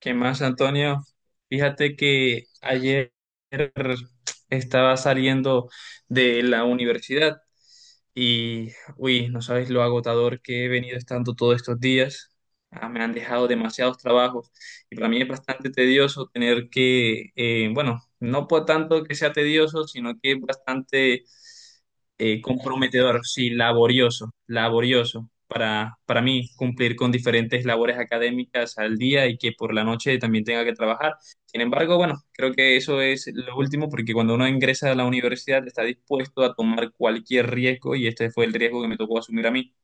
¿Qué más, Antonio? Fíjate que ayer estaba saliendo de la universidad y, uy, no sabes lo agotador que he venido estando todos estos días. Ah, me han dejado demasiados trabajos y para mí es bastante tedioso tener que, bueno, no por tanto que sea tedioso, sino que es bastante comprometedor, sí, laborioso, laborioso para mí cumplir con diferentes labores académicas al día y que por la noche también tenga que trabajar. Sin embargo, bueno, creo que eso es lo último porque cuando uno ingresa a la universidad está dispuesto a tomar cualquier riesgo y este fue el riesgo que me tocó asumir a mí.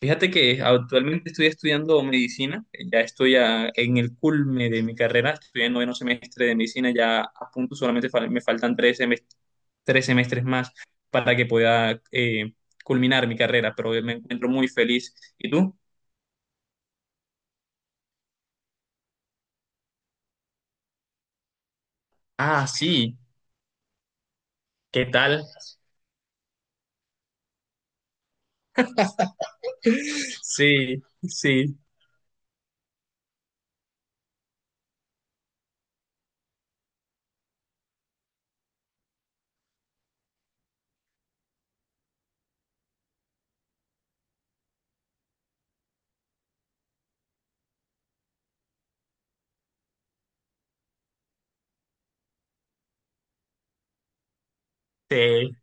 Fíjate que actualmente estoy estudiando medicina. Ya en el culme de mi carrera, estoy en noveno semestre de medicina, ya a punto, me faltan 3 semestres, 3 semestres más para que pueda culminar mi carrera, pero me encuentro muy feliz. ¿Y tú? Ah, sí, ¿qué tal? Sí, sí, sí,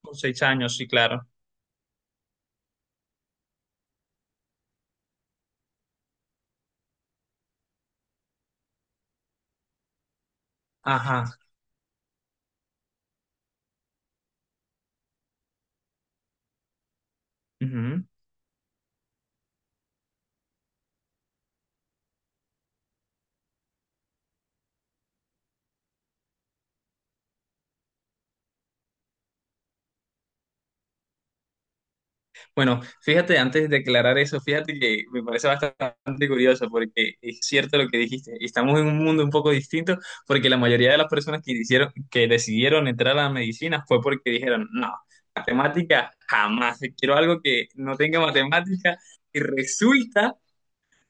con 6 años, sí, claro. Ajá. Ujú. Bueno, fíjate, antes de declarar eso, fíjate que me parece bastante curioso porque es cierto lo que dijiste. Estamos en un mundo un poco distinto porque la mayoría de las personas que decidieron entrar a la medicina fue porque dijeron, no, matemática jamás, quiero algo que no tenga matemática y resulta.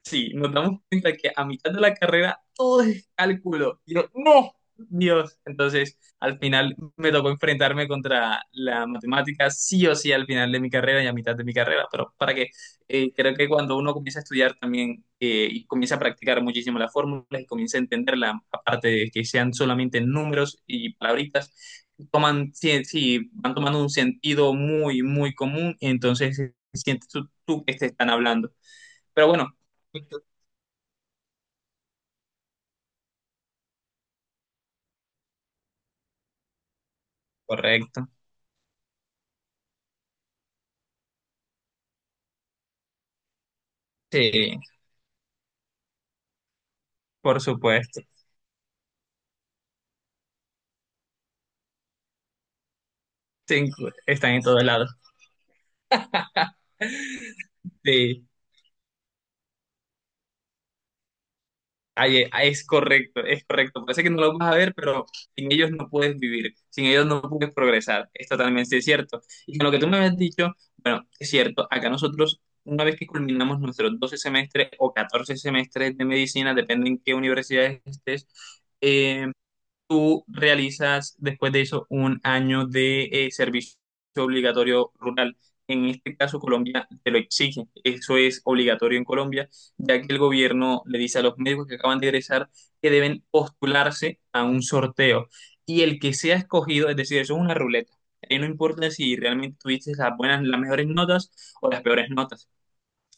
Sí, nos damos cuenta que a mitad de la carrera todo es cálculo. Y yo, no, Dios. Entonces, al final me tocó enfrentarme contra la matemática, sí o sí, al final de mi carrera y a mitad de mi carrera. Pero para que creo que cuando uno comienza a estudiar también y comienza a practicar muchísimo las fórmulas y comienza a entenderla, aparte de que sean solamente números y palabritas, toman, sí, sí, van tomando un sentido muy, muy común. Entonces, sientes tú que te están hablando. Pero bueno. Correcto. Sí, por supuesto. Están en todos lados. Sí, ahí es correcto, es correcto. Parece que no lo vas a ver, pero sin ellos no puedes vivir, sin ellos no puedes progresar. Es totalmente cierto. Y con lo que tú me habías dicho, es cierto, acá nosotros, una vez que culminamos nuestros 12 semestres o 14 semestres de medicina, depende en qué universidad estés, eh, tú realizas después de eso un año de servicio obligatorio rural. En este caso, Colombia te lo exige. Eso es obligatorio en Colombia, ya que el gobierno le dice a los médicos que acaban de egresar que deben postularse a un sorteo. Y el que sea escogido, es decir, eso es una ruleta. Ahí no importa si realmente tuviste las buenas, las mejores notas o las peores notas.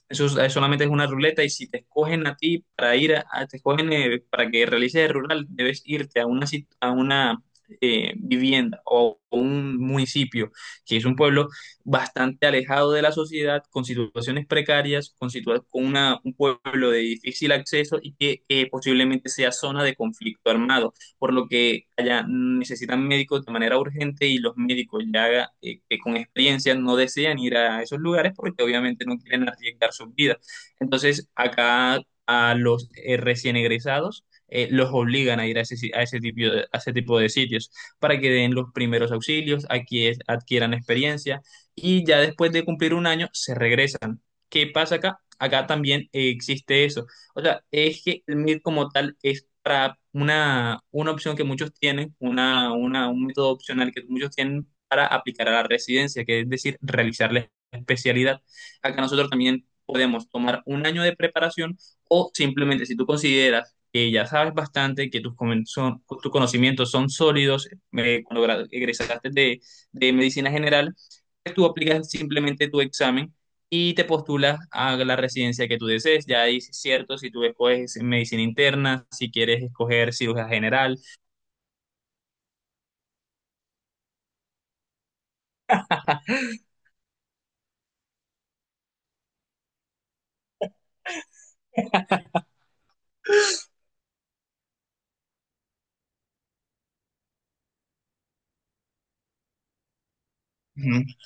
Solamente es una ruleta y si te escogen a ti para ir te escogen para que realices el rural, debes irte a una vivienda o un municipio, que es un pueblo bastante alejado de la sociedad, con situaciones precarias, con un pueblo de difícil acceso y que posiblemente sea zona de conflicto armado, por lo que allá necesitan médicos de manera urgente y los médicos ya que con experiencia no desean ir a esos lugares porque obviamente no quieren arriesgar sus vidas. Entonces, acá a los recién egresados los obligan a ir a ese, si- a ese tipo a ese tipo de sitios para que den los primeros auxilios, adquieran experiencia y ya después de cumplir un año se regresan. ¿Qué pasa acá? Acá también existe eso. O sea, es que el MIR como tal es para una opción que muchos tienen, un método opcional que muchos tienen para aplicar a la residencia, que es decir, realizar la especialidad. Acá nosotros también podemos tomar un año de preparación o simplemente si tú consideras que ya sabes bastante, que tus conocimientos son sólidos, egresaste de medicina general, pues tú aplicas simplemente tu examen y te postulas a la residencia que tú desees. Ya dices cierto, si tú escoges medicina interna, si quieres escoger cirugía general. Ujú.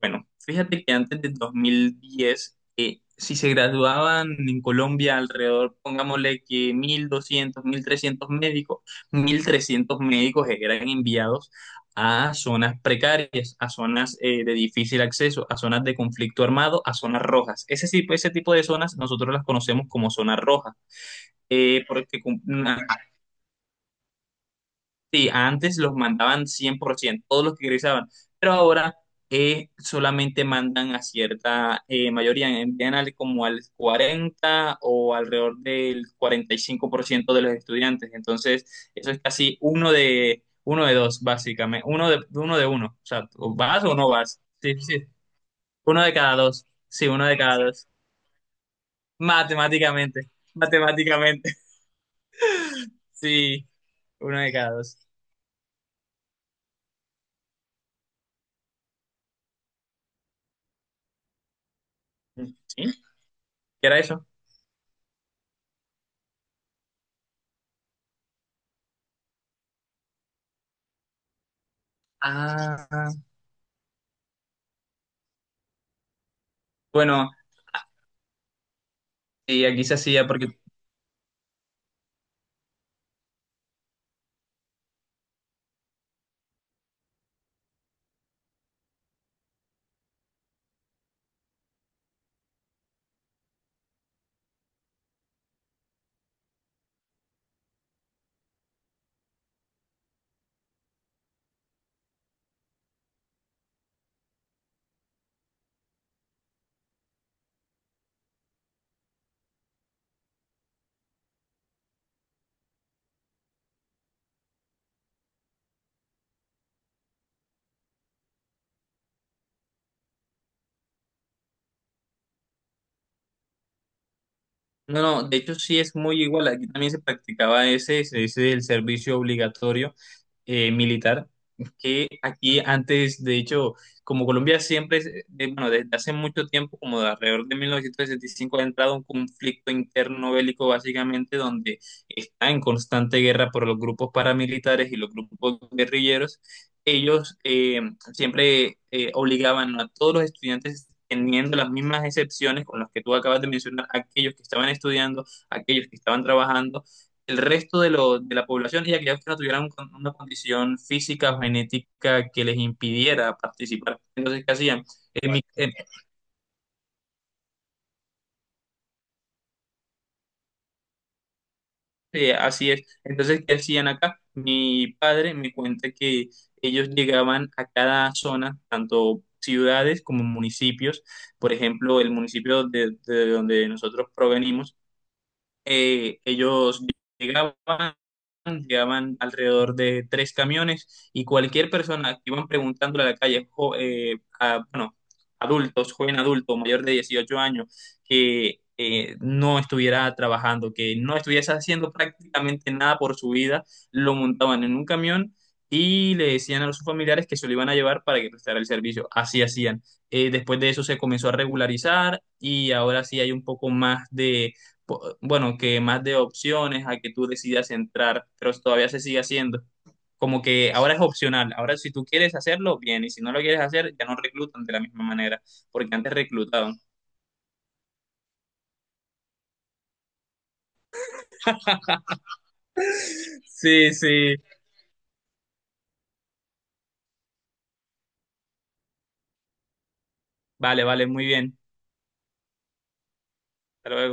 Bueno, fíjate que antes del 2010, si se graduaban en Colombia alrededor, pongámosle que 1.200 1.300 médicos, 1.300 médicos eran enviados a zonas precarias, a zonas de difícil acceso, a zonas de conflicto armado, a zonas rojas. Ese tipo de zonas nosotros las conocemos como zonas rojas. eh, porque cum- ah, sí, antes los mandaban 100%, todos los que egresaban, pero ahora solamente mandan a cierta mayoría, como al 40 o alrededor del 45% de los estudiantes, entonces eso es casi uno de dos, básicamente, de uno. O sea, ¿o vas o no vas? Sí, sí, uno de cada dos, sí, uno de cada dos, matemáticamente, matemáticamente. Sí, uno de cada dos. ¿Sí? ¿Qué era eso? Ah. Bueno, sí, aquí se hacía porque, no, no, de hecho sí es muy igual, aquí también se practicaba ese, se dice el servicio obligatorio, militar, que aquí antes, de hecho, como Colombia siempre, bueno, desde hace mucho tiempo, como de alrededor de 1965 ha entrado un conflicto interno bélico básicamente donde está en constante guerra por los grupos paramilitares y los grupos guerrilleros. Ellos siempre obligaban a todos los estudiantes, teniendo las mismas excepciones con las que tú acabas de mencionar, aquellos que estaban estudiando, aquellos que estaban trabajando el resto de, de la población y aquellos que no tuvieran un una condición física o genética que les impidiera participar. Entonces, ¿qué hacían? En mi- en- Así es. Entonces, ¿qué hacían acá? Mi padre me cuenta que ellos llegaban a cada zona, tanto ciudades como municipios. Por ejemplo, el municipio de donde nosotros provenimos, ellos llegaban llegaban alrededor de tres camiones y cualquier persona que iban preguntándole a la calle, bueno, adultos, joven adulto, mayor de 18 años, que no estuviera trabajando, que no estuviese haciendo prácticamente nada por su vida, lo montaban en un camión y le decían a sus familiares que se lo iban a llevar para que prestara el servicio. Así hacían. Después de eso se comenzó a regularizar y ahora sí hay un poco más bueno, que más de opciones a que tú decidas entrar, pero todavía se sigue haciendo. Como que ahora es opcional, ahora si tú quieres hacerlo, bien, y si no lo quieres hacer, ya no reclutan de la misma manera, porque antes reclutaban. Sí, sí, vale, vale, muy bien. Hasta luego.